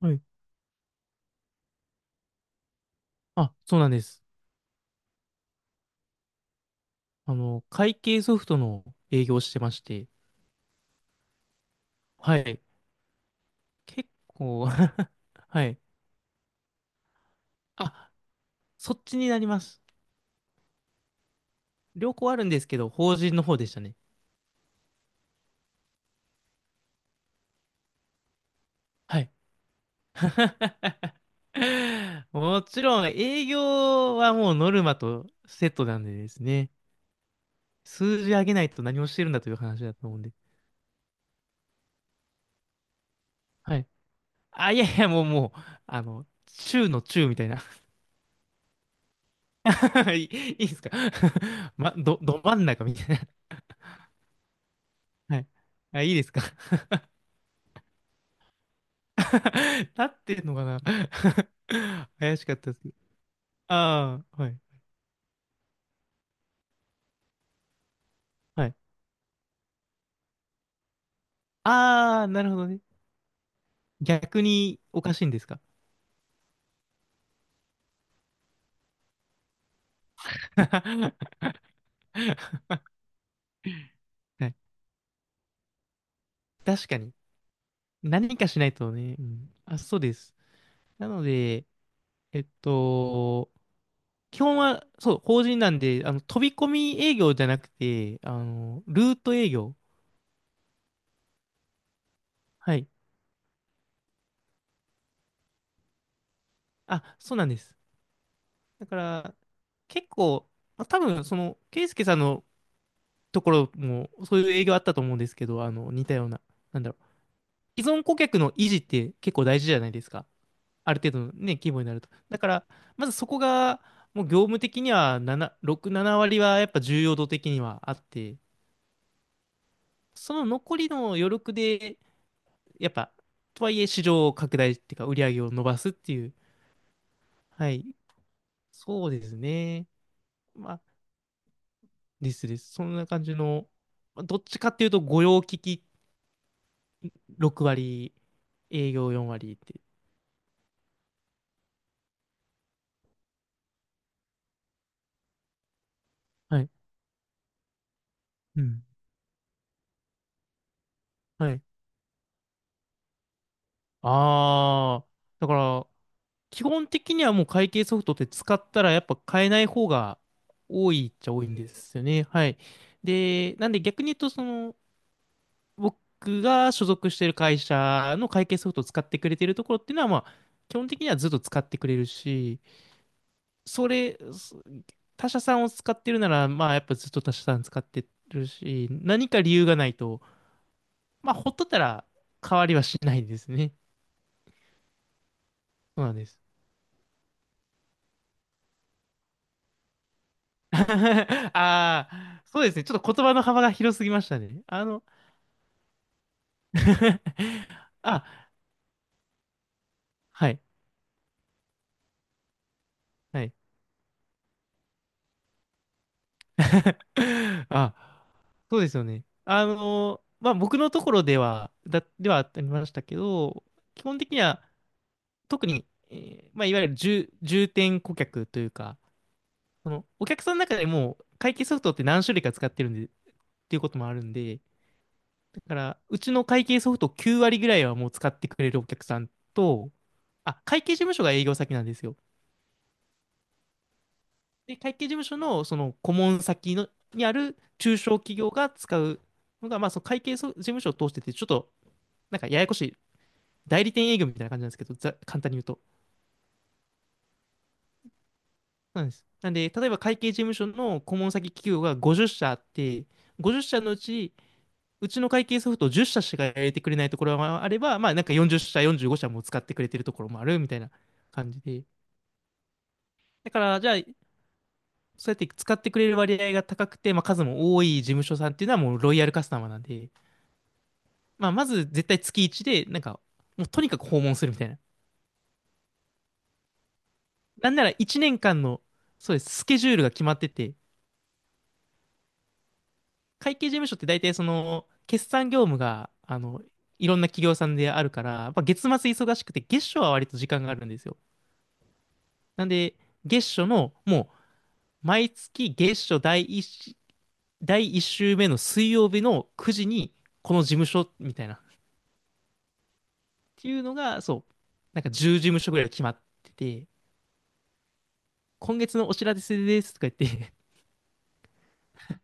はい。あ、そうなんです。あの、会計ソフトの営業をしてまして、はい。結構 はい。あ、そっちになります。両方あるんですけど、法人の方でしたね。はい。もちろん、営業はもうノルマとセットなんでですね、数字上げないと何をしてるんだという話だと思うんで。はい。あ、いやいや、もうもう、あの、中の中みたいな。いいですか？ ま、ど真ん中みたいな。はい。あ、いいですか？ なってるのかな？ 怪しかったです。ああ、はい。はい。ああ、なるほどね。逆におかしいんですか？ はい。確かに。何かしないとね。うん、あ、そうです。なので、えっと、基本は、そう、法人なんで、あの、飛び込み営業じゃなくて、あの、ルート営業。はい。あ、そうなんです。だから、結構、まあ多分、その、ケイスケさんのところも、そういう営業あったと思うんですけど、あの、似たような、なんだろう、既存顧客の維持って結構大事じゃないですか。ある程度のね、規模になると。だから、まずそこが、もう業務的には7、6、7割はやっぱ重要度的にはあって、その残りの余力で、やっぱ、とはいえ市場を拡大っていうか、売り上げを伸ばすっていう、はい、そうですね。まあ、ですです。そんな感じの、まあどっちかっていうと、御用聞き6割、営業4割って。はい。うん。はい。ああ、だから、基本的にはもう会計ソフトって使ったらやっぱ買えない方が多いっちゃ多いんですよね。はい。で、なんで逆に言うと、その、僕が所属してる会社の会計ソフトを使ってくれてるところっていうのは、まあ、基本的にはずっと使ってくれるし、それ、そ他社さんを使ってるなら、まあ、やっぱずっと他社さん使ってるし、何か理由がないと、まあ、ほっとったら変わりはしないんですね。そうなんです。ああ、そうですね。ちょっと言葉の幅が広すぎましたね。あの あ、はい、はい。あ、そうですよね。あの、まあ、僕のところでは、ではありましたけど、基本的には、特に、まあ、いわゆる重点顧客というか、その、お客さんの中でも、会計ソフトって何種類か使ってるんで、っていうこともあるんで、だから、うちの会計ソフト9割ぐらいはもう使ってくれるお客さんと、あ、会計事務所が営業先なんですよ。で、会計事務所のその顧問先のにある中小企業が使うのが、まあ、その会計事務所を通してて、ちょっとなんかややこしい代理店営業みたいな感じなんですけど、簡単に言うと。なんです。なんで、例えば会計事務所の顧問先企業が50社あって、50社のうちうちの会計ソフト10社しか入れてくれないところもあれば、まあなんか40社、45社も使ってくれてるところもあるみたいな感じで。だからじゃあ、そうやって使ってくれる割合が高くて、まあ数も多い事務所さんっていうのはもうロイヤルカスタマーなんで、まあまず絶対月1で、なんかもうとにかく訪問するみたいな。なんなら1年間の、そうです、スケジュールが決まってて、会計事務所って大体その、決算業務が、あの、いろんな企業さんであるから、やっぱ月末忙しくて、月初は割と時間があるんですよ。なんで、月初の、もう、毎月月初第一し、第一週目の水曜日の9時に、この事務所、みたいな。っていうのが、そう、なんか10事務所ぐらい決まってて、今月のお知らせですとか言って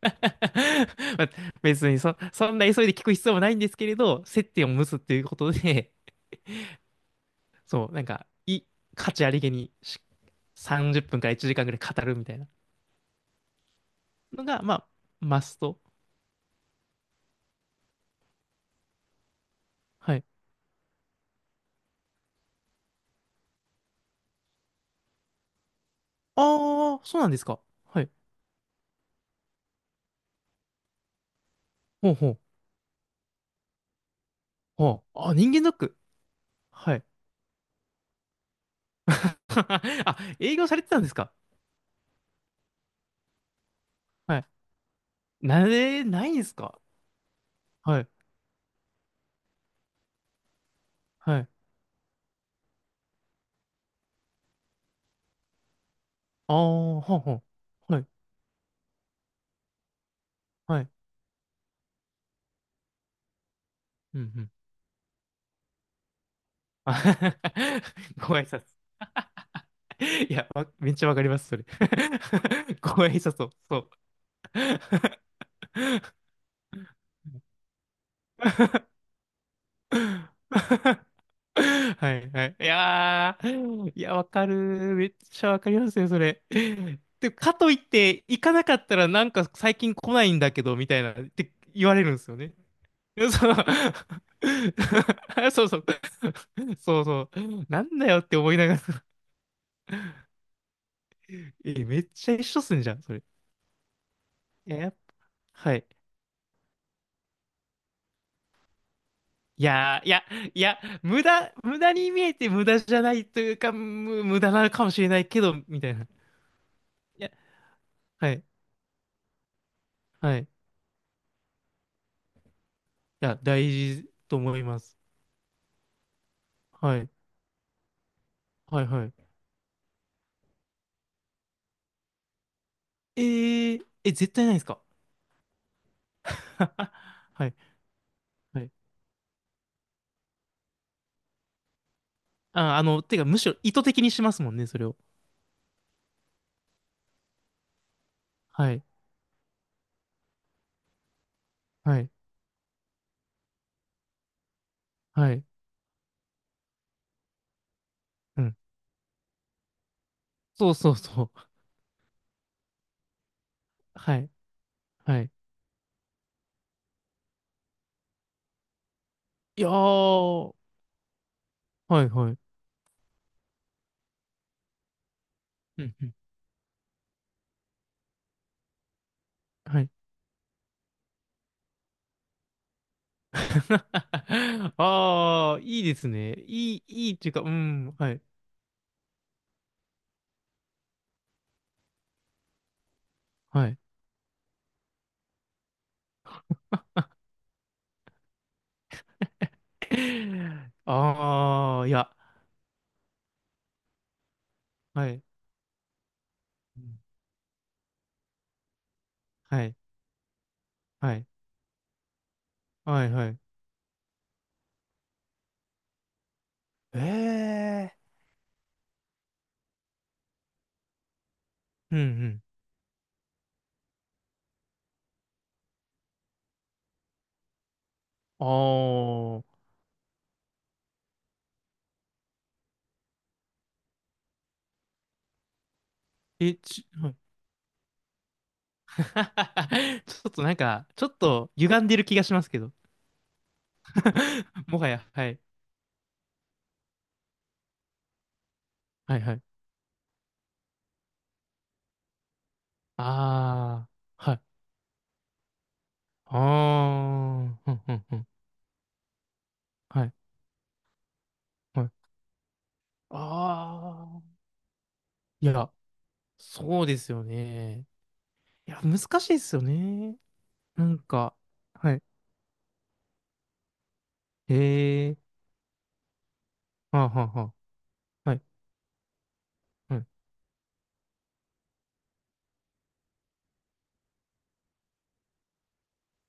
まあ別にそんな急いで聞く必要もないんですけれど、接点を結ぶっていうことで、そう、価値ありげにし30分から1時間ぐらい語るみたいなのが、まあ、マスト。はい。ああ、そうなんですか。はい。ほうほう。ほう。あ、人間ドック。はい。あ、営業されてたんですか？はい。なれないんですか？はい。はい。ああ、ほうほう。はい。はい。うんうん。あ ご挨拶。いや、めっちゃわかります、それ。ご挨拶を、そう。はいはい。いやー、いや、わかる。めっちゃわかりますよ、それ。で、かといって、行かなかったらなんか最近来ないんだけど、みたいな、って言われるんですよね。そう そうそう。そうそう。なんだよって思いながら、え、めっちゃ一緒っすんじゃん、それ。いや、やっぱはい。いやー、いや、いや、無駄に見えて無駄じゃないというか、無駄なのかもしれないけど、みたいな。いや、はい、はい。や、大事と思います。はい。はいはい。えー、え、絶対ないですか？ はい。はい。あ、あの、てか、むしろ意図的にしますもんね、それを。はい。はい。はい。うん。そうそうそう。はい。はい。いやー。はいはい。うんうん。はい。ああ、いいですね。いい、いいっていうか、うん、はい、はい。ああ、いや、はい、うんはい、はい、はい、はい。ええ、うん、うん、ああ。はい。 ちょっとなんか、ちょっと歪んでる気がしますけど。もはや、はい。はいはい。ああ。はい。ああ。ふんふんふん。はい。はい。ああ。いや、そうですよね。いや、難しいですよね。なんか、はい。ええ、はあはあはあ。はい。はい。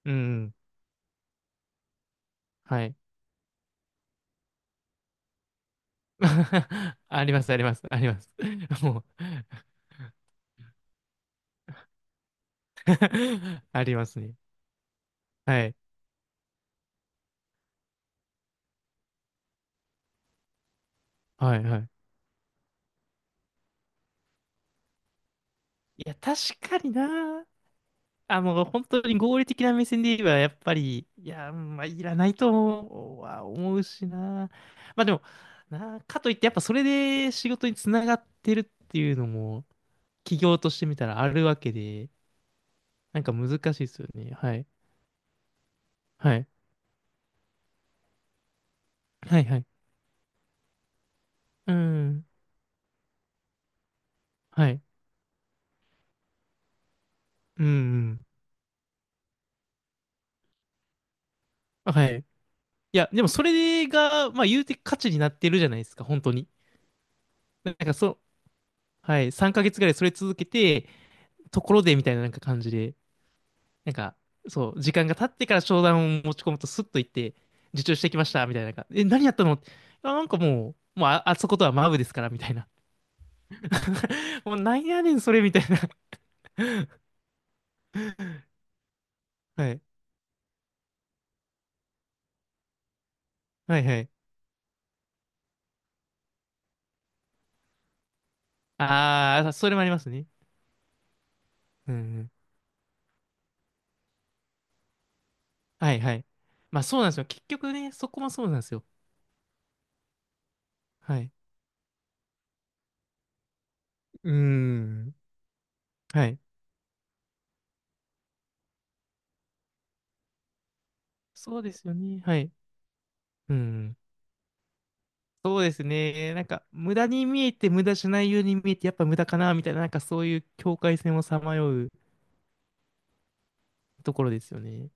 うん。はい。あります、あります、あります。もう ありますね。はい。はいはい。いや、確かにな。あの、本当に合理的な目線で言えば、やっぱり、いや、まあ、いらないと思うは思うしな。まあでも、な、かといって、やっぱそれで仕事につながってるっていうのも、企業としてみたらあるわけで、なんか難しいですよね。はい。はい。はいはい。うん。はい。うん、うん。はいうんはいうんはい。いや、でもそれが、まあ言うて価値になってるじゃないですか、本当に。なんかそう、はい。3ヶ月ぐらいそれ続けて、ところでみたいななんか感じで、なんか、そう、時間が経ってから商談を持ち込むとスッと行って、受注してきました、みたいななんか。え、何やったの？あ、なんかもう、もうあ、あそことはマブですから、みたいな。もうなんやねん、それ、みたいな。はい。はいはい。ああ、それもありますね。うんうん。はいはい。まあそうなんですよ。結局ね、そこもそうなんですよ。はい。うーん。はい。そうですよね。はい。うん。そうですね。なんか、無駄に見えて、無駄じゃないように見えて、やっぱ無駄かな、みたいな、なんかそういう境界線をさまようところですよね。